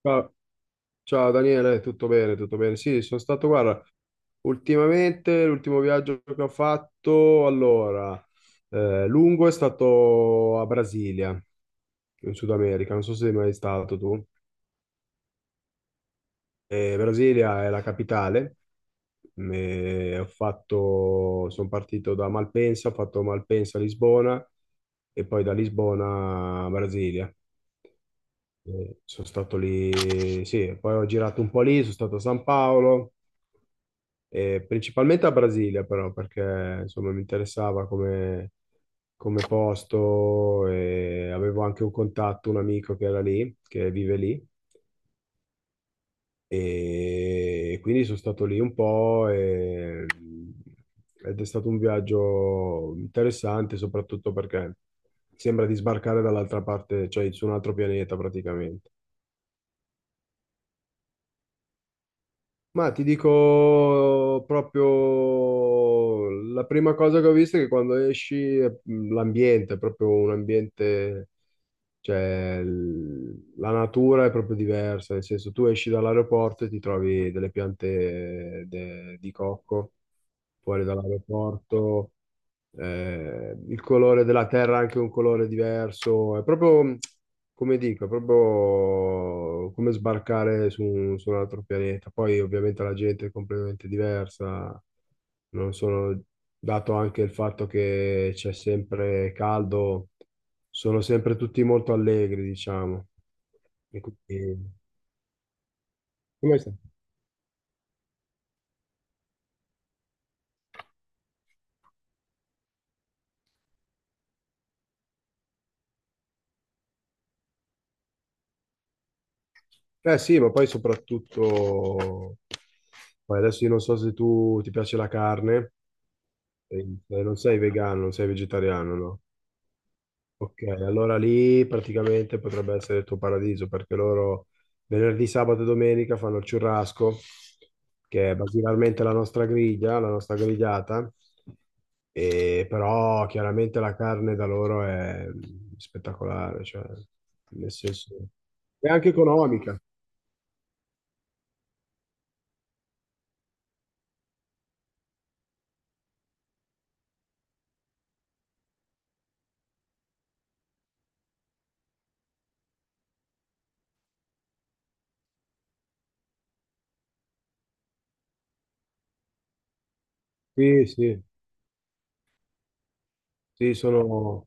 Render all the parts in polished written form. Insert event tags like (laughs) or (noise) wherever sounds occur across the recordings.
Ciao, ciao Daniele, tutto bene, tutto bene. Sì, sono stato, guarda, ultimamente l'ultimo viaggio che ho fatto, allora, lungo è stato a Brasilia, in Sud America, non so se sei mai stato tu. Brasilia è la capitale, e ho fatto, sono partito da Malpensa, ho fatto Malpensa a Lisbona e poi da Lisbona a Brasilia. Sono stato lì, sì, poi ho girato un po' lì, sono stato a San Paolo. E principalmente a Brasilia, però, perché insomma mi interessava come, come posto e avevo anche un contatto, un amico che era lì, che vive lì, e quindi sono stato lì un po' ed è stato un viaggio interessante, soprattutto perché sembra di sbarcare dall'altra parte, cioè su un altro pianeta praticamente. Ma ti dico proprio la prima cosa che ho visto è che quando esci l'ambiente è proprio un ambiente, cioè la natura è proprio diversa, nel senso tu esci dall'aeroporto e ti trovi delle piante di cocco fuori dall'aeroporto, il colore della terra è anche un colore diverso, è proprio come dico, è proprio come sbarcare su, su un altro pianeta. Poi ovviamente la gente è completamente diversa, non sono, dato anche il fatto che c'è sempre caldo, sono sempre tutti molto allegri, diciamo. E quindi- Come stai? Eh sì, ma poi soprattutto, poi adesso io non so se tu ti piace la carne, eh, non sei vegano, non sei vegetariano, no? Ok, allora lì praticamente potrebbe essere il tuo paradiso perché loro venerdì, sabato e domenica fanno il churrasco, che è basilarmente la nostra griglia, la nostra grigliata, e però chiaramente la carne da loro è spettacolare, cioè nel senso è anche economica. Sì, sì, sì, sono...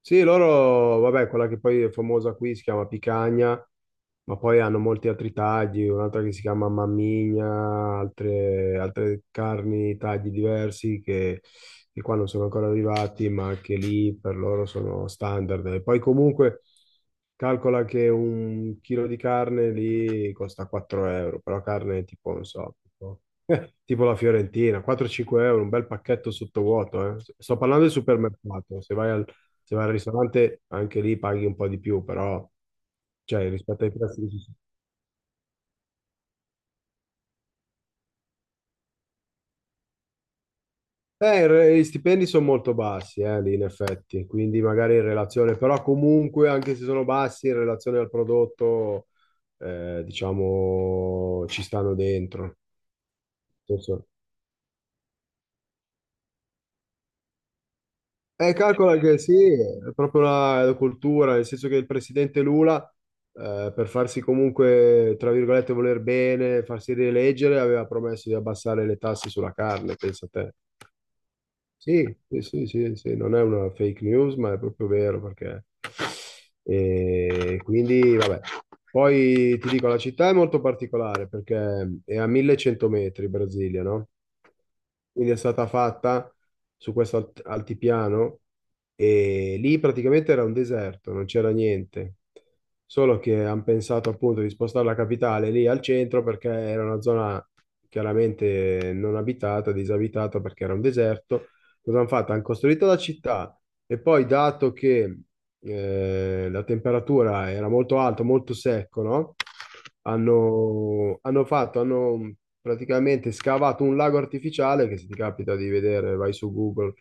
Sì, loro, vabbè, quella che poi è famosa qui si chiama picagna, ma poi hanno molti altri tagli, un'altra che si chiama mammigna, altre, altre carni, tagli diversi che qua non sono ancora arrivati, ma che lì per loro sono standard. E poi comunque calcola che un chilo di carne lì costa 4 euro, però carne tipo, non so, tipo, (laughs) tipo la Fiorentina, 4-5 euro, un bel pacchetto sottovuoto, eh. Sto parlando del supermercato, se vai al, se vai al ristorante anche lì paghi un po' di più, però cioè, rispetto ai prezzi che ci il gli stipendi sono molto bassi, lì in effetti, quindi magari in relazione, però comunque anche se sono bassi in relazione al prodotto, diciamo, ci stanno dentro. Nel senso- calcola che sì, è proprio la, la cultura, nel senso che il presidente Lula, per farsi comunque, tra virgolette, voler bene, farsi rieleggere, aveva promesso di abbassare le tasse sulla carne, pensa te. Sì, sì, sì, sì, sì, non è una fake news, ma è proprio vero perché... E quindi, vabbè. Poi ti dico, la città è molto particolare perché è a 1100 metri, Brasilia, no? Quindi è stata fatta su questo altipiano e lì praticamente era un deserto, non c'era niente. Solo che hanno pensato appunto di spostare la capitale lì al centro perché era una zona chiaramente non abitata, disabitata perché era un deserto, cosa hanno fatto? Hanno costruito la città e poi, dato che la temperatura era molto alta, molto secco, no? Hanno fatto, hanno praticamente scavato un lago artificiale che se ti capita di vedere, vai su Google,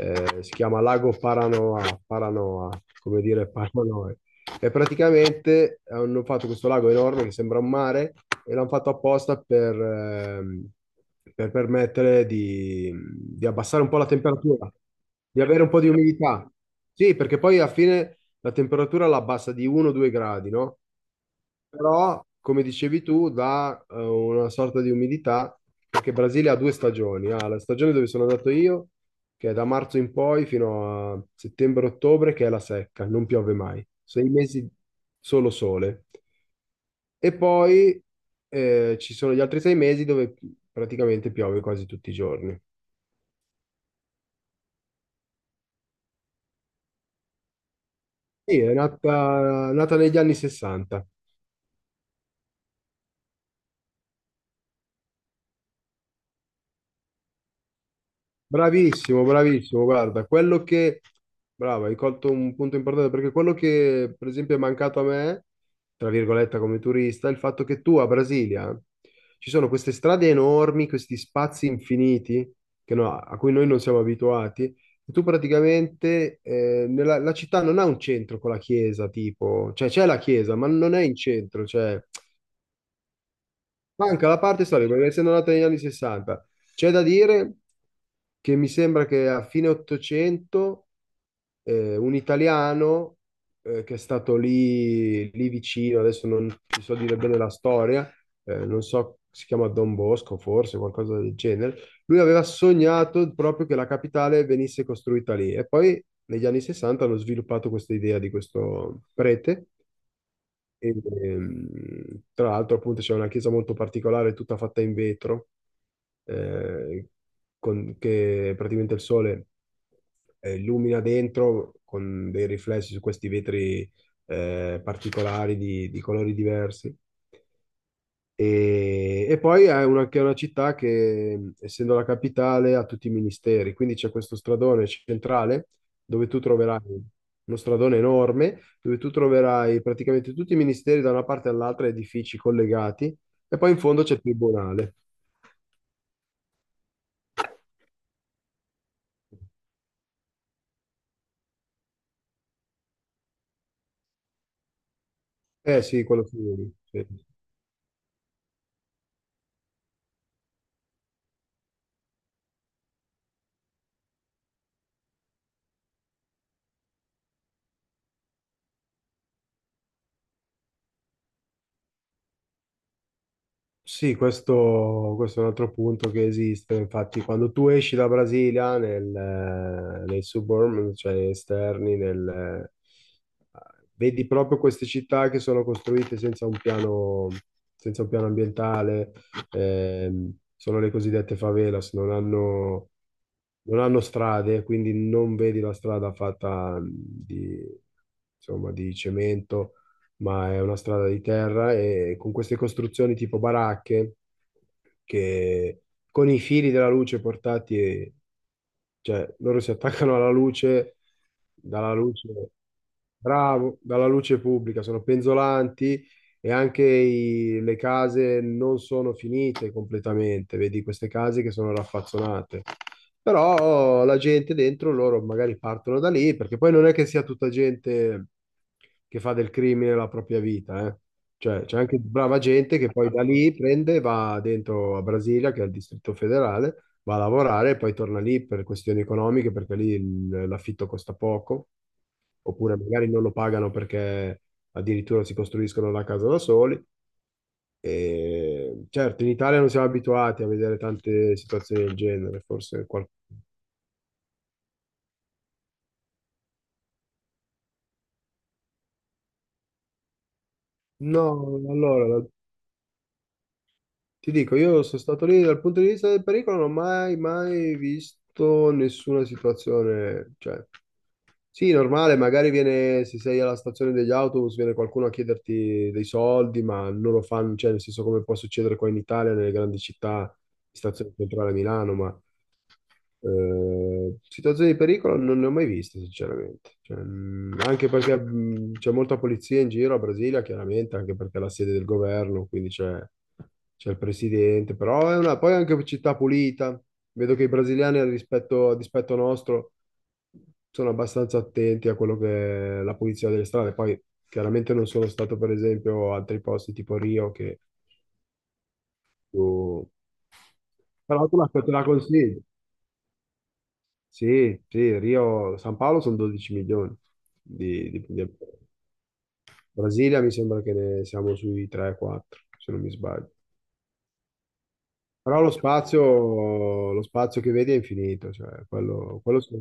si chiama Lago Paranoa, Paranoa, come dire Paranoa. E praticamente hanno fatto questo lago enorme che sembra un mare e l'hanno fatto apposta per permettere di abbassare un po' la temperatura, di avere un po' di umidità. Sì, perché poi alla fine la temperatura la abbassa di 1-2 gradi, no? Però, come dicevi tu, dà una sorta di umidità, perché Brasile ha 2 stagioni. Ha la stagione dove sono andato io, che è da marzo in poi fino a settembre-ottobre, che è la secca, non piove mai. 6 mesi solo sole. E poi ci sono gli altri 6 mesi dove praticamente piove quasi tutti i giorni. Sì, è nata negli anni 60. Bravissimo, bravissimo, guarda, quello che, brava, hai colto un punto importante perché quello che per esempio è mancato a me, tra virgolette come turista, è il fatto che tu a Brasilia ci sono queste strade enormi, questi spazi infiniti che no- a cui noi non siamo abituati, e tu praticamente nella, la città non ha un centro con la chiesa, tipo, cioè c'è la chiesa, ma non è in centro, cioè manca la parte storica, perché essendo nata negli anni 60, c'è da dire che mi sembra che a fine 800 un italiano che è stato lì, lì vicino, adesso non ti so dire bene la storia, non so, si chiama Don Bosco forse, qualcosa del genere, lui aveva sognato proprio che la capitale venisse costruita lì e poi negli anni 60 hanno sviluppato questa idea di questo prete e, tra l'altro, appunto, c'è una chiesa molto particolare, tutta fatta in vetro, eh, con- che praticamente il sole illumina dentro con dei riflessi su questi vetri particolari di colori diversi. E poi è una, che è una città che, essendo la capitale, ha tutti i ministeri, quindi c'è questo stradone centrale dove tu troverai uno stradone enorme, dove tu troverai praticamente tutti i ministeri da una parte all'altra, edifici collegati, e poi in fondo c'è il tribunale. Eh sì, quello sì, sì. Sì, questo è un altro punto che esiste. Infatti, quando tu esci da Brasilia nel, nei suburb, cioè esterni, nel, vedi proprio queste città che sono costruite senza un piano, senza un piano ambientale, sono le cosiddette favelas, non hanno, non hanno strade, quindi non vedi la strada fatta di, insomma, di cemento, ma è una strada di terra e con queste costruzioni tipo baracche che con i fili della luce portati, cioè, loro si attaccano alla luce, dalla luce, bravo, dalla luce pubblica, sono penzolanti e anche le case non sono finite completamente, vedi queste case che sono raffazzonate. Però la gente dentro loro magari partono da lì, perché poi non è che sia tutta gente che fa del crimine la propria vita, eh. Cioè, c'è anche brava gente che poi da lì prende e va dentro a Brasilia, che è il Distrito Federale, va a lavorare e poi torna lì per questioni economiche, perché lì l'affitto costa poco, oppure magari non lo pagano perché addirittura si costruiscono la casa da soli. E certo, in Italia non siamo abituati a vedere tante situazioni del genere, forse qual- No, allora, ti dico, io sono stato lì dal punto di vista del pericolo, non ho mai, mai visto nessuna situazione, cioè... Sì, normale, magari viene, se sei alla stazione degli autobus, viene qualcuno a chiederti dei soldi, ma non lo fanno, cioè nel senso come può succedere qua in Italia, nelle grandi città, stazione centrale Milano, ma situazioni di pericolo non ne ho mai viste, sinceramente. Cioè, anche perché c'è molta polizia in giro a Brasilia, chiaramente, anche perché è la sede del governo, quindi c'è il presidente, però è una, poi è anche una città pulita. Vedo che i brasiliani, al rispetto, a dispetto nostro, sono abbastanza attenti a quello che è la pulizia delle strade. Poi chiaramente non sono stato, per esempio, a altri posti tipo Rio, che più... Però tu la te la consiglio. Sì, sì, Rio, San Paolo sono 12 milioni di, di Brasilia mi sembra che ne siamo sui 3-4, se non mi sbaglio. Però lo spazio che vedi è infinito, cioè quello sì.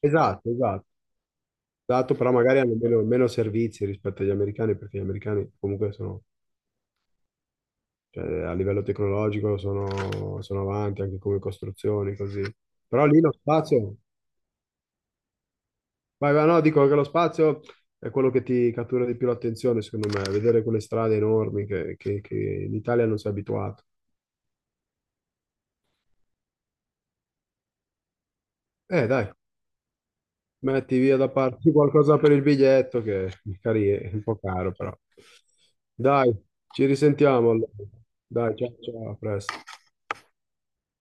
Esatto, esatto, esatto, però magari hanno meno, meno servizi rispetto agli americani, perché gli americani comunque sono, cioè, a livello tecnologico sono, sono avanti anche come costruzioni, così. Però lì lo spazio, vai, vai, no, dico che lo spazio è quello che ti cattura di più l'attenzione, secondo me, vedere quelle strade enormi che in Italia non sei abituato. Dai, metti via da parte qualcosa per il biglietto, che magari è un po' caro, però. Dai, ci risentiamo allora. Dai, ciao, ciao, a presto.